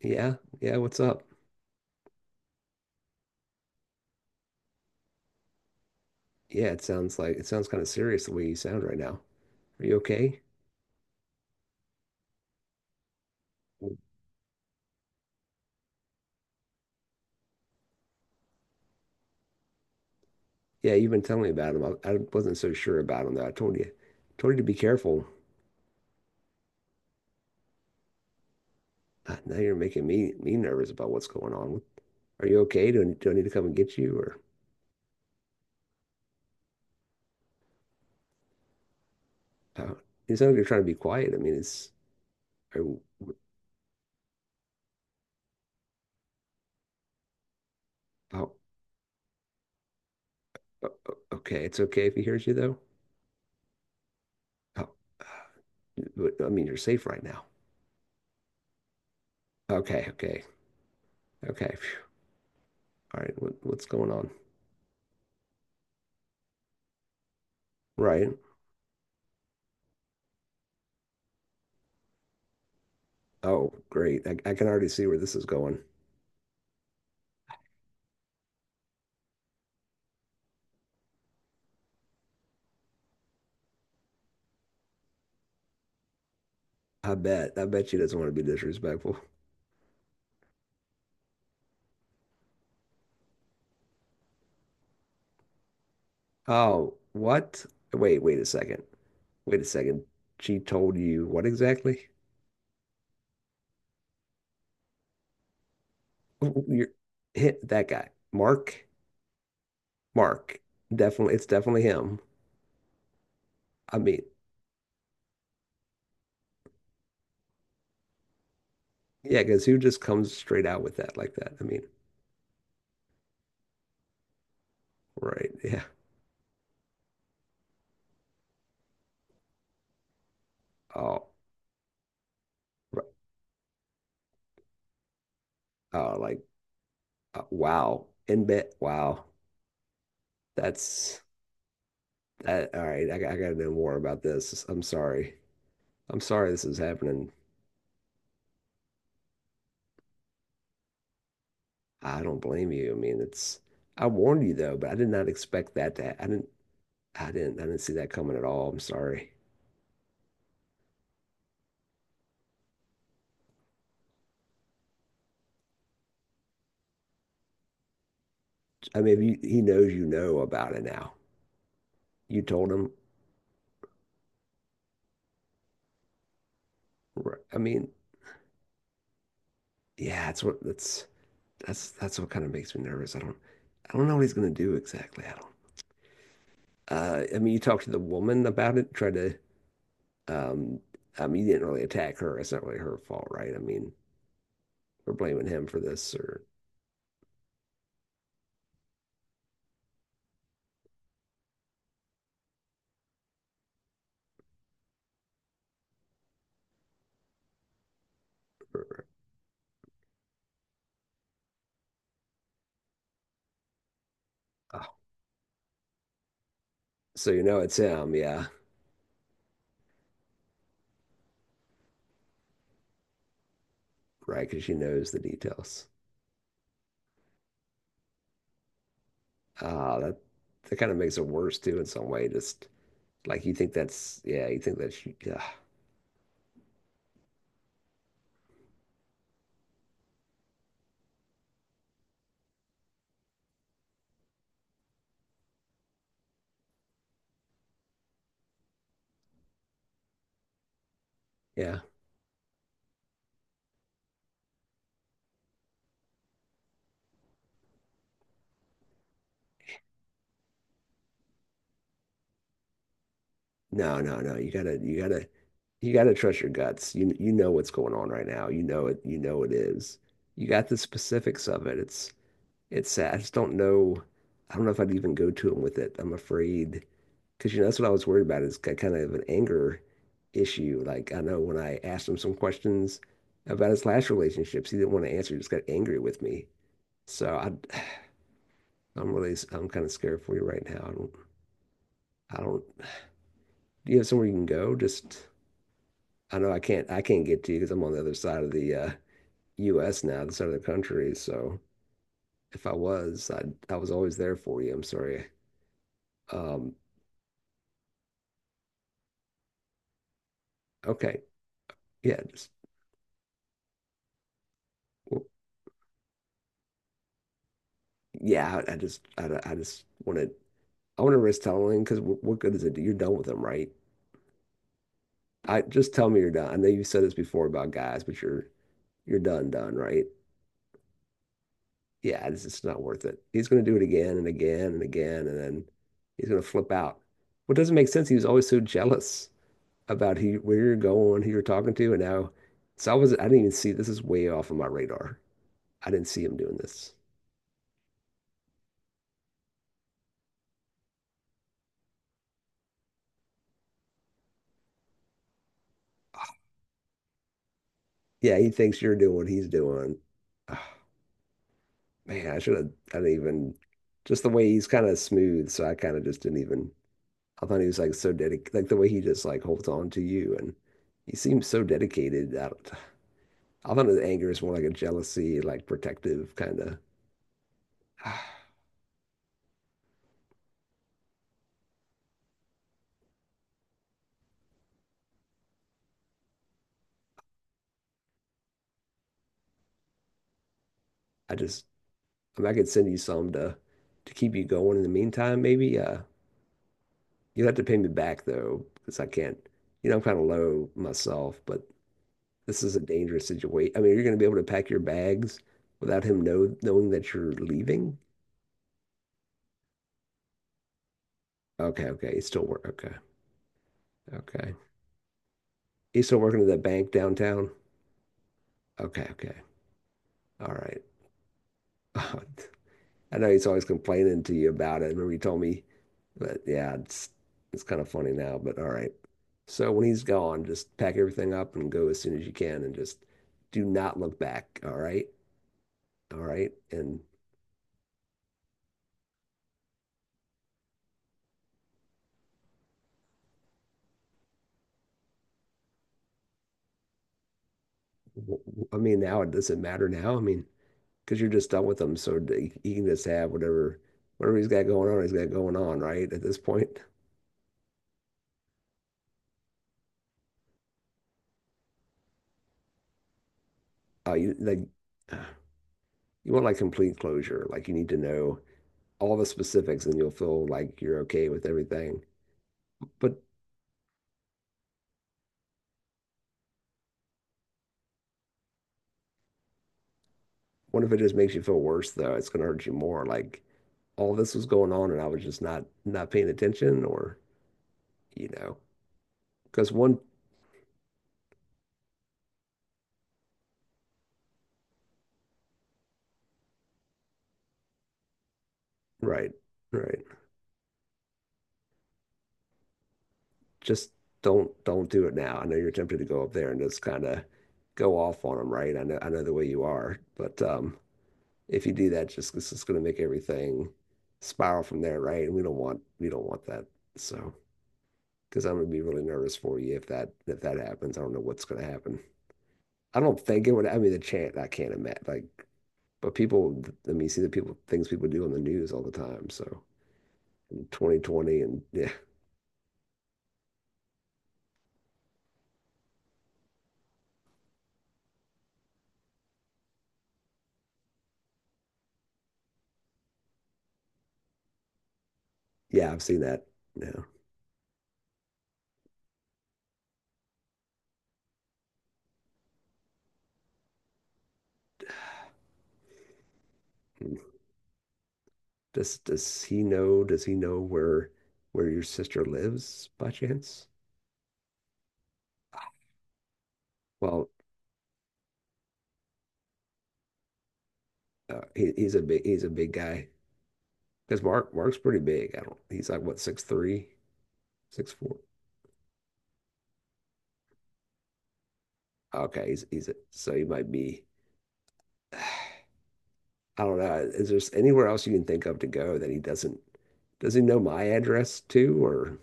Yeah, yeah, what's up? Yeah, it sounds kind of serious the way you sound right now. Are you okay? Yeah, you've been telling me about him. I wasn't so sure about him though. I told you to be careful. Now you're making me nervous about what's going on. Are you okay? Do I need to come and get you? Or uh, you sound like you're trying to be quiet. I mean, it's are, you- oh, o- okay. It's okay if he hears you though. Oh, but, I mean, you're safe right now. Okay, okay, okay. Phew. All right, what's going on? Right. Oh, great. I can already see where this is going. I bet. I bet she doesn't want to be disrespectful. Oh, what? Wait, wait a second. Wait a second. She told you what exactly? Oh, you're hit that guy. Mark. Mark. Definitely. It's definitely him. I mean, yeah, because who just comes straight out with that like that? I mean, right. Yeah. Oh, right. Oh, like, wow. In bed. Wow. That's that. All right. I got to know more about this. I'm sorry. I'm sorry this is happening. I don't blame you. I mean, it's I warned you though, but I did not expect that to I didn't see that coming at all. I'm sorry. I mean, if you, he knows you know about it now. You told him. I mean, yeah, that's what that's what kind of makes me nervous. I don't know what he's gonna do exactly. I don't. I mean, you talked to the woman about it. Tried to. Um, I mean, you didn't really attack her. It's not really her fault, right? I mean, we're blaming him for this, or, oh, so you know it's him, yeah, right? Because she knows the details. Ah, that that kind of makes it worse too in some way. Just like you think that's, yeah, you think that's, yeah, yeah. No, no, no. You gotta trust your guts. You know what's going on right now. You know it. You know it is. You got the specifics of it. It's sad. I just don't know. I don't know if I'd even go to him with it. I'm afraid because you know that's what I was worried about is kind of an anger issue. Like I know when I asked him some questions about his last relationships, he didn't want to answer. He just got angry with me. So I'm really, I'm kind of scared for you right now. I don't, Do you have somewhere you can go? Just, I know I can't get to you because I'm on the other side of the US now, the side of the country. So if I was, I was always there for you. I'm sorry. Um, okay. Yeah. Just, well, yeah. I want to risk telling because what good is it? You're done with them, right? I just tell me you're done. I know you said this before about guys, but you're done, done, right? Yeah, this is not worth it. He's going to do it again and again and again, and then he's going to flip out. What doesn't make sense, he was always so jealous about who, where you're going, who you're talking to, and now it's always, I didn't even see, this is way off of my radar. I didn't see him doing this. Yeah, he thinks you're doing what he's doing. Oh, man, I should have, I didn't even, just the way he's kind of smooth, so I kind of just didn't even, I thought he was like so dedicated, like the way he just like holds on to you, and he seems so dedicated. I, don't, I thought his anger is more like a jealousy, like protective kind of. I just, I mean, I could send you some to keep you going in the meantime. Maybe you'll have to pay me back though, because I can't. You know, I'm kind of low myself, but this is a dangerous situation. I mean, you're going to be able to pack your bags without him knowing that you're leaving. Okay, okay, he's still work. Okay, okay, he's still working at that bank downtown. Okay, okay, all right. I know he's always complaining to you about it. I remember you told me, but yeah, it's kind of funny now, but all right. So when he's gone, just pack everything up and go as soon as you can and just do not look back. All right. All right. And I mean, now it doesn't matter now. I mean, because you're just done with him. So he can just have whatever he's got going on, he's got going on, right? At this point, you like, uh, you want like complete closure. Like you need to know all the specifics and you'll feel like you're okay with everything. But what if it just makes you feel worse though? It's gonna hurt you more. Like all this was going on and I was just not paying attention or, you know, because one, right, right. Just don't do it now. I know you're tempted to go up there and just kind of go off on them, right? I know the way you are, but if you do that, just it's just gonna make everything spiral from there, right? And we don't want that. So, because I'm gonna be really nervous for you if that happens. I don't know what's gonna happen. I don't think it would. I mean, the chance I can't imagine. But people, I mean, you see the people, things people do on the news all the time. So 2020 and yeah, yeah, I've seen that now. Does he know? Does he know where your sister lives by chance? Well, he's a big guy because Mark's pretty big. I don't. He's like what 6'3", 6'4". Okay, so he might be. I don't know. Is there anywhere else you can think of to go that he doesn't? Does he know my address too? Or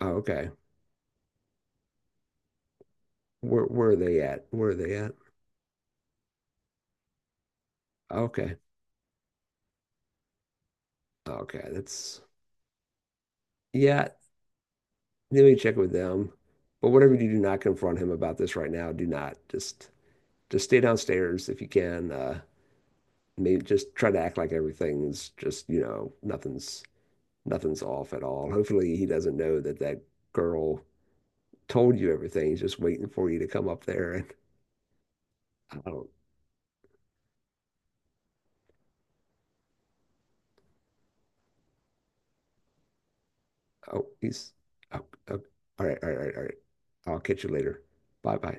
oh, okay. Where are they at? Where are they at? Okay. Okay. That's yeah, let me check with them. But whatever you do, do not confront him about this right now. Do not. Just stay downstairs if you can. Maybe just try to act like everything's just, nothing's off at all. Hopefully he doesn't know that that girl told you everything. He's just waiting for you to come up there, and I don't, oh he's, oh, oh, all right, all right, all right, all right. I'll catch you later. Bye bye.